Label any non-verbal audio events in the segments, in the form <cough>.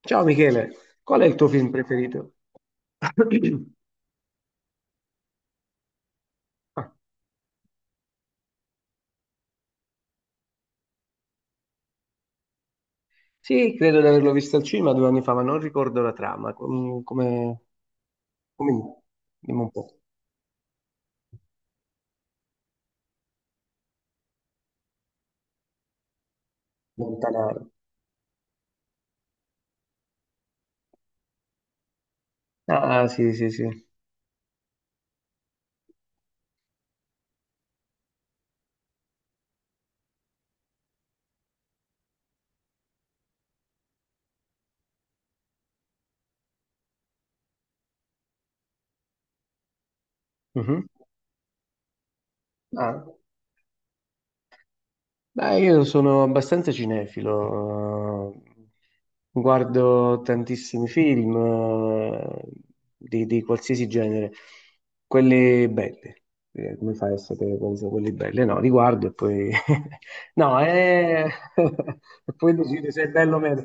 Ciao Michele, qual è il tuo film preferito? <coughs> <clears throat> Ah, sì, credo di averlo visto al cinema due anni fa, ma non ricordo la trama. Come... come... Dimmi un po'. Montanaro. Ah, sì, sì, sì. Mhm. Ah. Beh, io sono abbastanza cinefilo, guardo tantissimi film di qualsiasi genere, quelli belli. Come fai a sapere quali sono quelli belli? No, li guardo e poi... <laughs> no, <laughs> e poi decido se è bello o meno.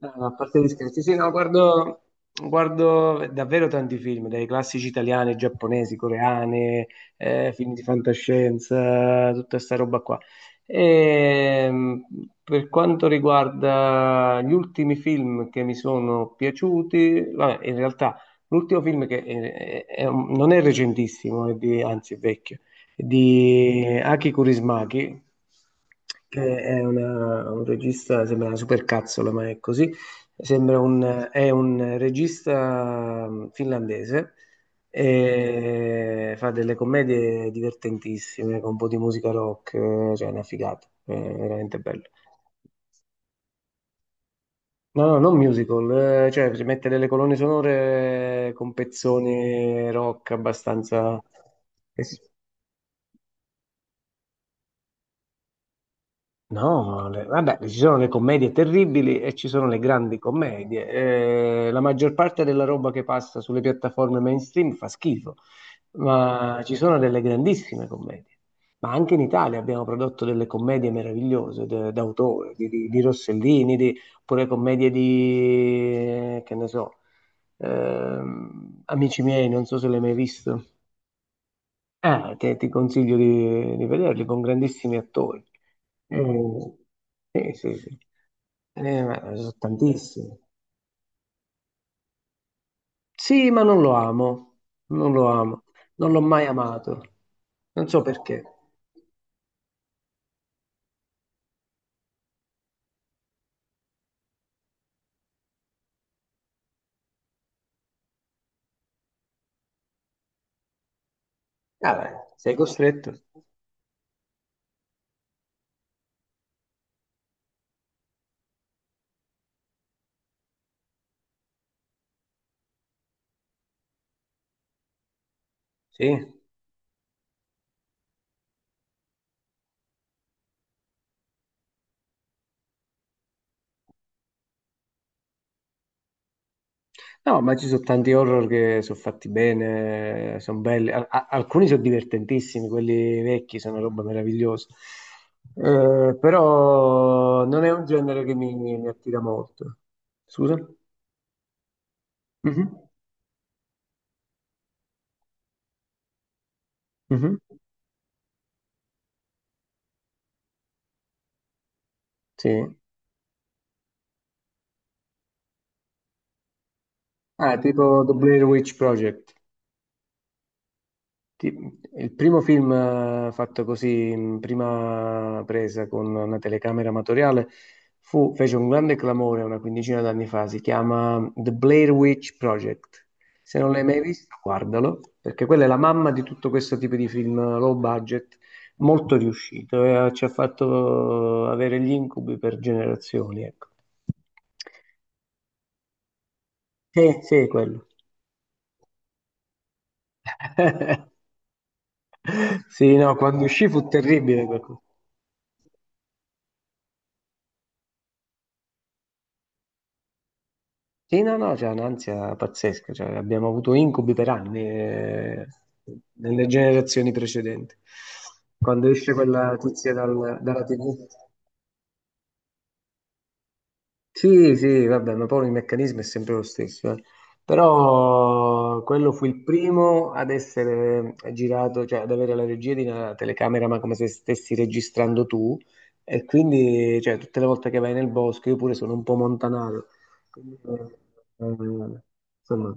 No, no, a parte gli scherzi, sì, no, guardo davvero tanti film, dai classici italiani, giapponesi, coreani, film di fantascienza, tutta sta roba qua. E, per quanto riguarda gli ultimi film che mi sono piaciuti, vabbè, in realtà l'ultimo film che è un- non è recentissimo, anzi è vecchio, è di Aki Kaurismäki, che è un regista, sembra una supercazzola, ma è così. È un regista finlandese e fa delle commedie divertentissime con un po' di musica rock, cioè è una figata, è veramente bello. No, no, non musical, cioè si mette delle colonne sonore con pezzoni rock abbastanza... eh sì. No, ma le- vabbè, ci sono le commedie terribili e ci sono le grandi commedie. La maggior parte della roba che passa sulle piattaforme mainstream fa schifo, ma ci sono delle grandissime commedie. Ma anche in Italia abbiamo prodotto delle commedie d'autore, di Rossellini, di, oppure commedie che ne so, Amici miei, non so se l'hai mai visto. Che ti consiglio di vederli con grandissimi attori. Eh, sì, sì, sì. Ma sono tantissimi. Sì, ma non lo amo, non lo amo, non l'ho mai amato, non so perché. Vabbè, sei costretto. Sì. No, ma ci sono tanti horror che sono fatti bene, sono belli. Alcuni sono divertentissimi, quelli vecchi sono roba meravigliosa. Però non è un genere che mi attira molto. Scusa? Mhm, mhm, sì. Ah, tipo The Blair Witch Project. Il primo film fatto così in prima presa con una telecamera amatoriale fece un grande clamore una quindicina d'anni fa, si chiama The Blair Witch Project. Se non l'hai mai visto, guardalo, perché quella è la mamma di tutto questo tipo di film low budget, molto riuscito e ci ha fatto avere gli incubi per generazioni, ecco. Sì, sì, quello. <laughs> Sì, no, quando uscì fu terribile. Sì, no, no, c'è un'ansia pazzesca, cioè, abbiamo avuto incubi per anni nelle generazioni precedenti. Quando esce quella tizia dalla TV. Sì, sì, vabbè, ma poi il meccanismo è sempre lo stesso. Eh. Però quello fu il primo ad essere girato, cioè ad avere la regia di una telecamera, ma come se stessi registrando tu. E quindi, cioè, tutte le volte che vai nel bosco, io pure sono un po' montanato. Quindi, eh, eh, insomma,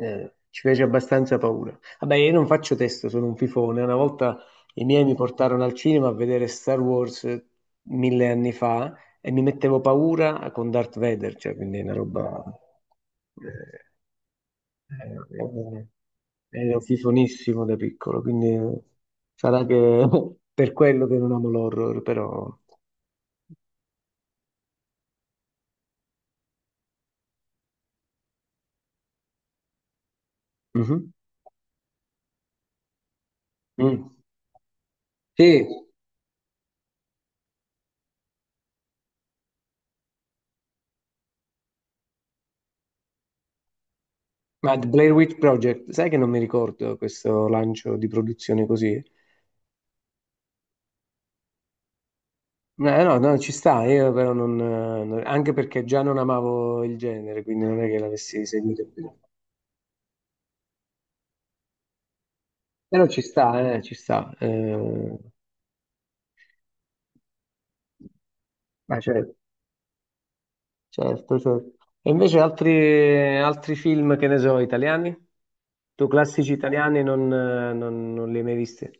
ci fece abbastanza paura. Vabbè, io non faccio testo, sono un fifone. Una volta i miei mi portarono al cinema a vedere Star Wars mille anni fa e mi mettevo paura con Darth Vader, cioè, quindi è una roba... eh, eh, eh, Ero fifonissimo da piccolo, sarà che <laughs> per quello che non amo l'horror, però... Mhm. Mm. Sì, ma The Blair Witch Project, sai che non mi ricordo questo lancio di produzione così? No, no, no, ci sta, io però anche perché già non amavo il genere, quindi non è che l'avessi seguito. Più. Però ci sta, ci sta. Ma certo, certo, certo. E invece altri film, che ne so, italiani? Tu classici italiani non li hai mai visti?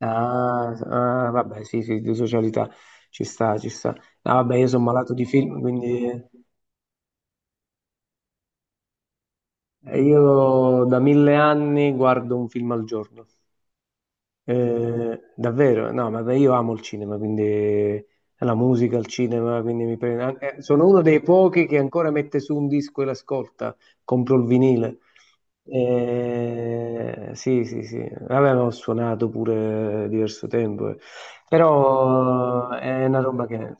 Ah, ah, vabbè, sì, sì, di socialità, ci sta, ci sta. Ah, vabbè, io sono malato di film, quindi io da mille anni guardo un film al giorno. Davvero, no, ma beh, io amo il cinema, quindi la musica, il cinema, quindi mi prende... sono uno dei pochi che ancora mette su un disco e l'ascolta, compro il vinile. Sì, sì, sì, vabbè, ma ho suonato pure diverso tempo, eh. però è una roba che...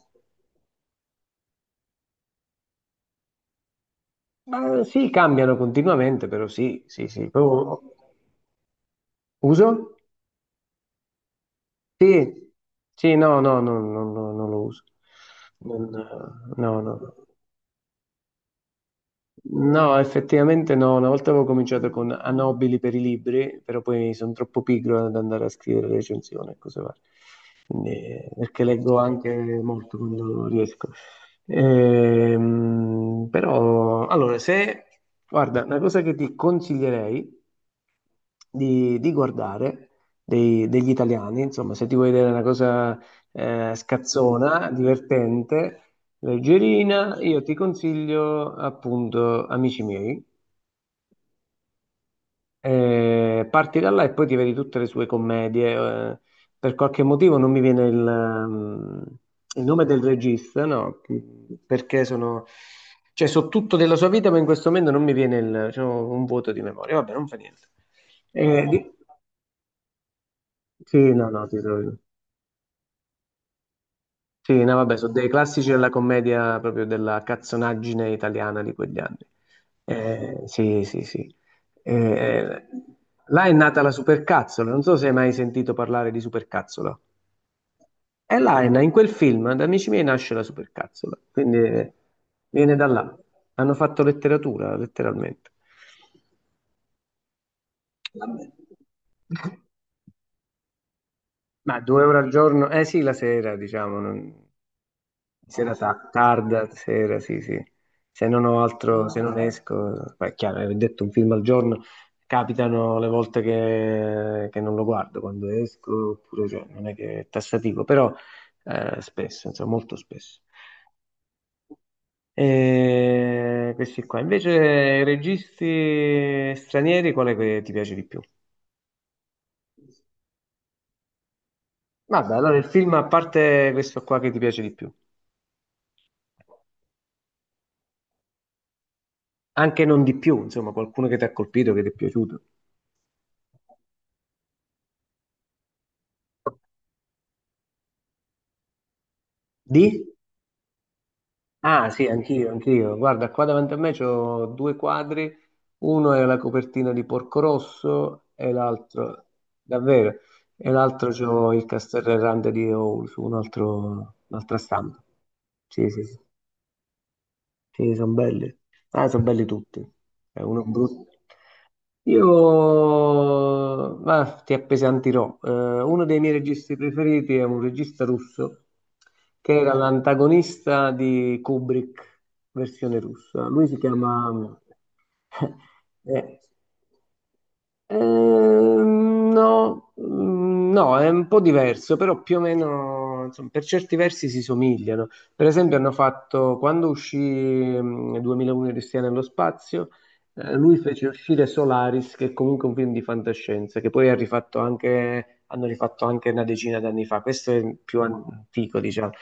Ma sì, cambiano continuamente, però sì, sì, sì. Poi- Uso? Sì, sì, no, no, no, no, no, non lo uso. Non- no, no. No. No, effettivamente no, una volta avevo cominciato con Anobili per i libri, però poi sono troppo pigro ad andare a scrivere recensioni e cose varie. Quindi, perché leggo anche molto quando riesco. Però, allora, se, guarda, una cosa che ti consiglierei di guardare degli italiani, insomma, se ti vuoi vedere una cosa scazzona, divertente, leggerina, io ti consiglio appunto Amici miei. Parti da là e poi ti vedi tutte le sue commedie. Eh. Per qualche motivo non mi viene il nome del regista, no, perché sono, cioè, so tutto della sua vita, ma in questo momento non mi viene il, c'ho un vuoto di memoria. Vabbè, non fa niente. Eh, di- Sì, no, no, ti trovo. Sì, no, vabbè, sono dei classici della commedia proprio della cazzonaggine italiana di quegli anni. Sì, sì, sì. Eh, eh, là è nata la supercazzola, non so se hai mai sentito parlare di supercazzola. E là, in quel film, da Amici miei, nasce la supercazzola, viene da là. Hanno fatto letteratura, letteralmente. Vabbè. Ma due euro al giorno? Eh sì, la sera, diciamo. Non- tarda, sera, sì, sì. Se non ho altro, se non esco, beh, è chiaro, ho detto un film al giorno, capitano le volte che non lo guardo quando esco, oppure cioè, non è che è tassativo, però spesso, insomma, molto spesso. E questi qua. Invece, registi stranieri, quale che ti piace di più? Vabbè, allora il film, a parte questo qua che ti piace di più, anche non di più, insomma, qualcuno che ti ha colpito, che ti è piaciuto. Di? Ah sì, anch'io, anch'io. Guarda, qua davanti a me c'ho due quadri, uno è la copertina di Porco Rosso e l'altro, davvero, e l'altro c'ho il Castelrerrante di Ous, un altro, un'altra stampa. Sì, sì, sì. Sì, sono belli. Ah, sono belli tutti. È uno brutto. Io, ma ti appesantirò. Uno dei miei registi preferiti è un regista russo che era l'antagonista di Kubrick, versione russa. Lui si chiama... <laughs> eh, no, no, è un po' diverso, però più o meno, insomma, per certi versi si somigliano. Per esempio hanno fatto, quando uscì 2001 Cristiano nello spazio, lui fece uscire Solaris, che è comunque un film di fantascienza, che poi ha rifatto anche, hanno rifatto anche una decina d'anni fa, questo è il più antico, diciamo.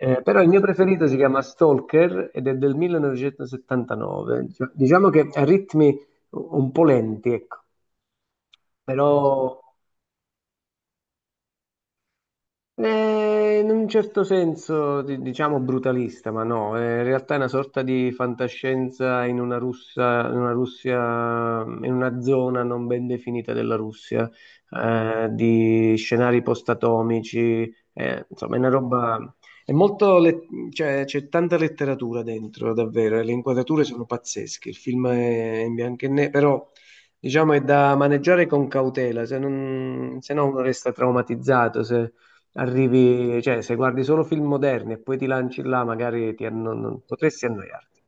Però il mio preferito si chiama Stalker ed è del 1979. Diciamo che ha ritmi un po' lenti, ecco, però eh, in un certo senso, diciamo brutalista, ma no, in realtà è una sorta di fantascienza in una Russia, in una Russia, in una zona non ben definita della Russia, di scenari post-atomici, insomma, è una roba, è cioè, c'è tanta letteratura dentro, davvero, e le inquadrature sono pazzesche, il film è in bianco e nero, però... Diciamo è da maneggiare con cautela, se non, se no uno resta traumatizzato. Se, arrivi, cioè se guardi solo film moderni e poi ti lanci là, magari ti anno- non- potresti annoiarti.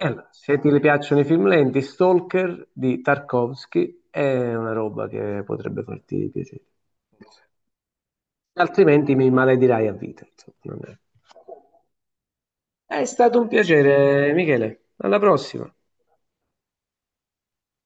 E allora, se ti piacciono i film lenti, Stalker di Tarkovsky è una roba che potrebbe farti piacere. Altrimenti mi maledirai a vita. Insomma, non è è stato un piacere, Michele. Alla prossima.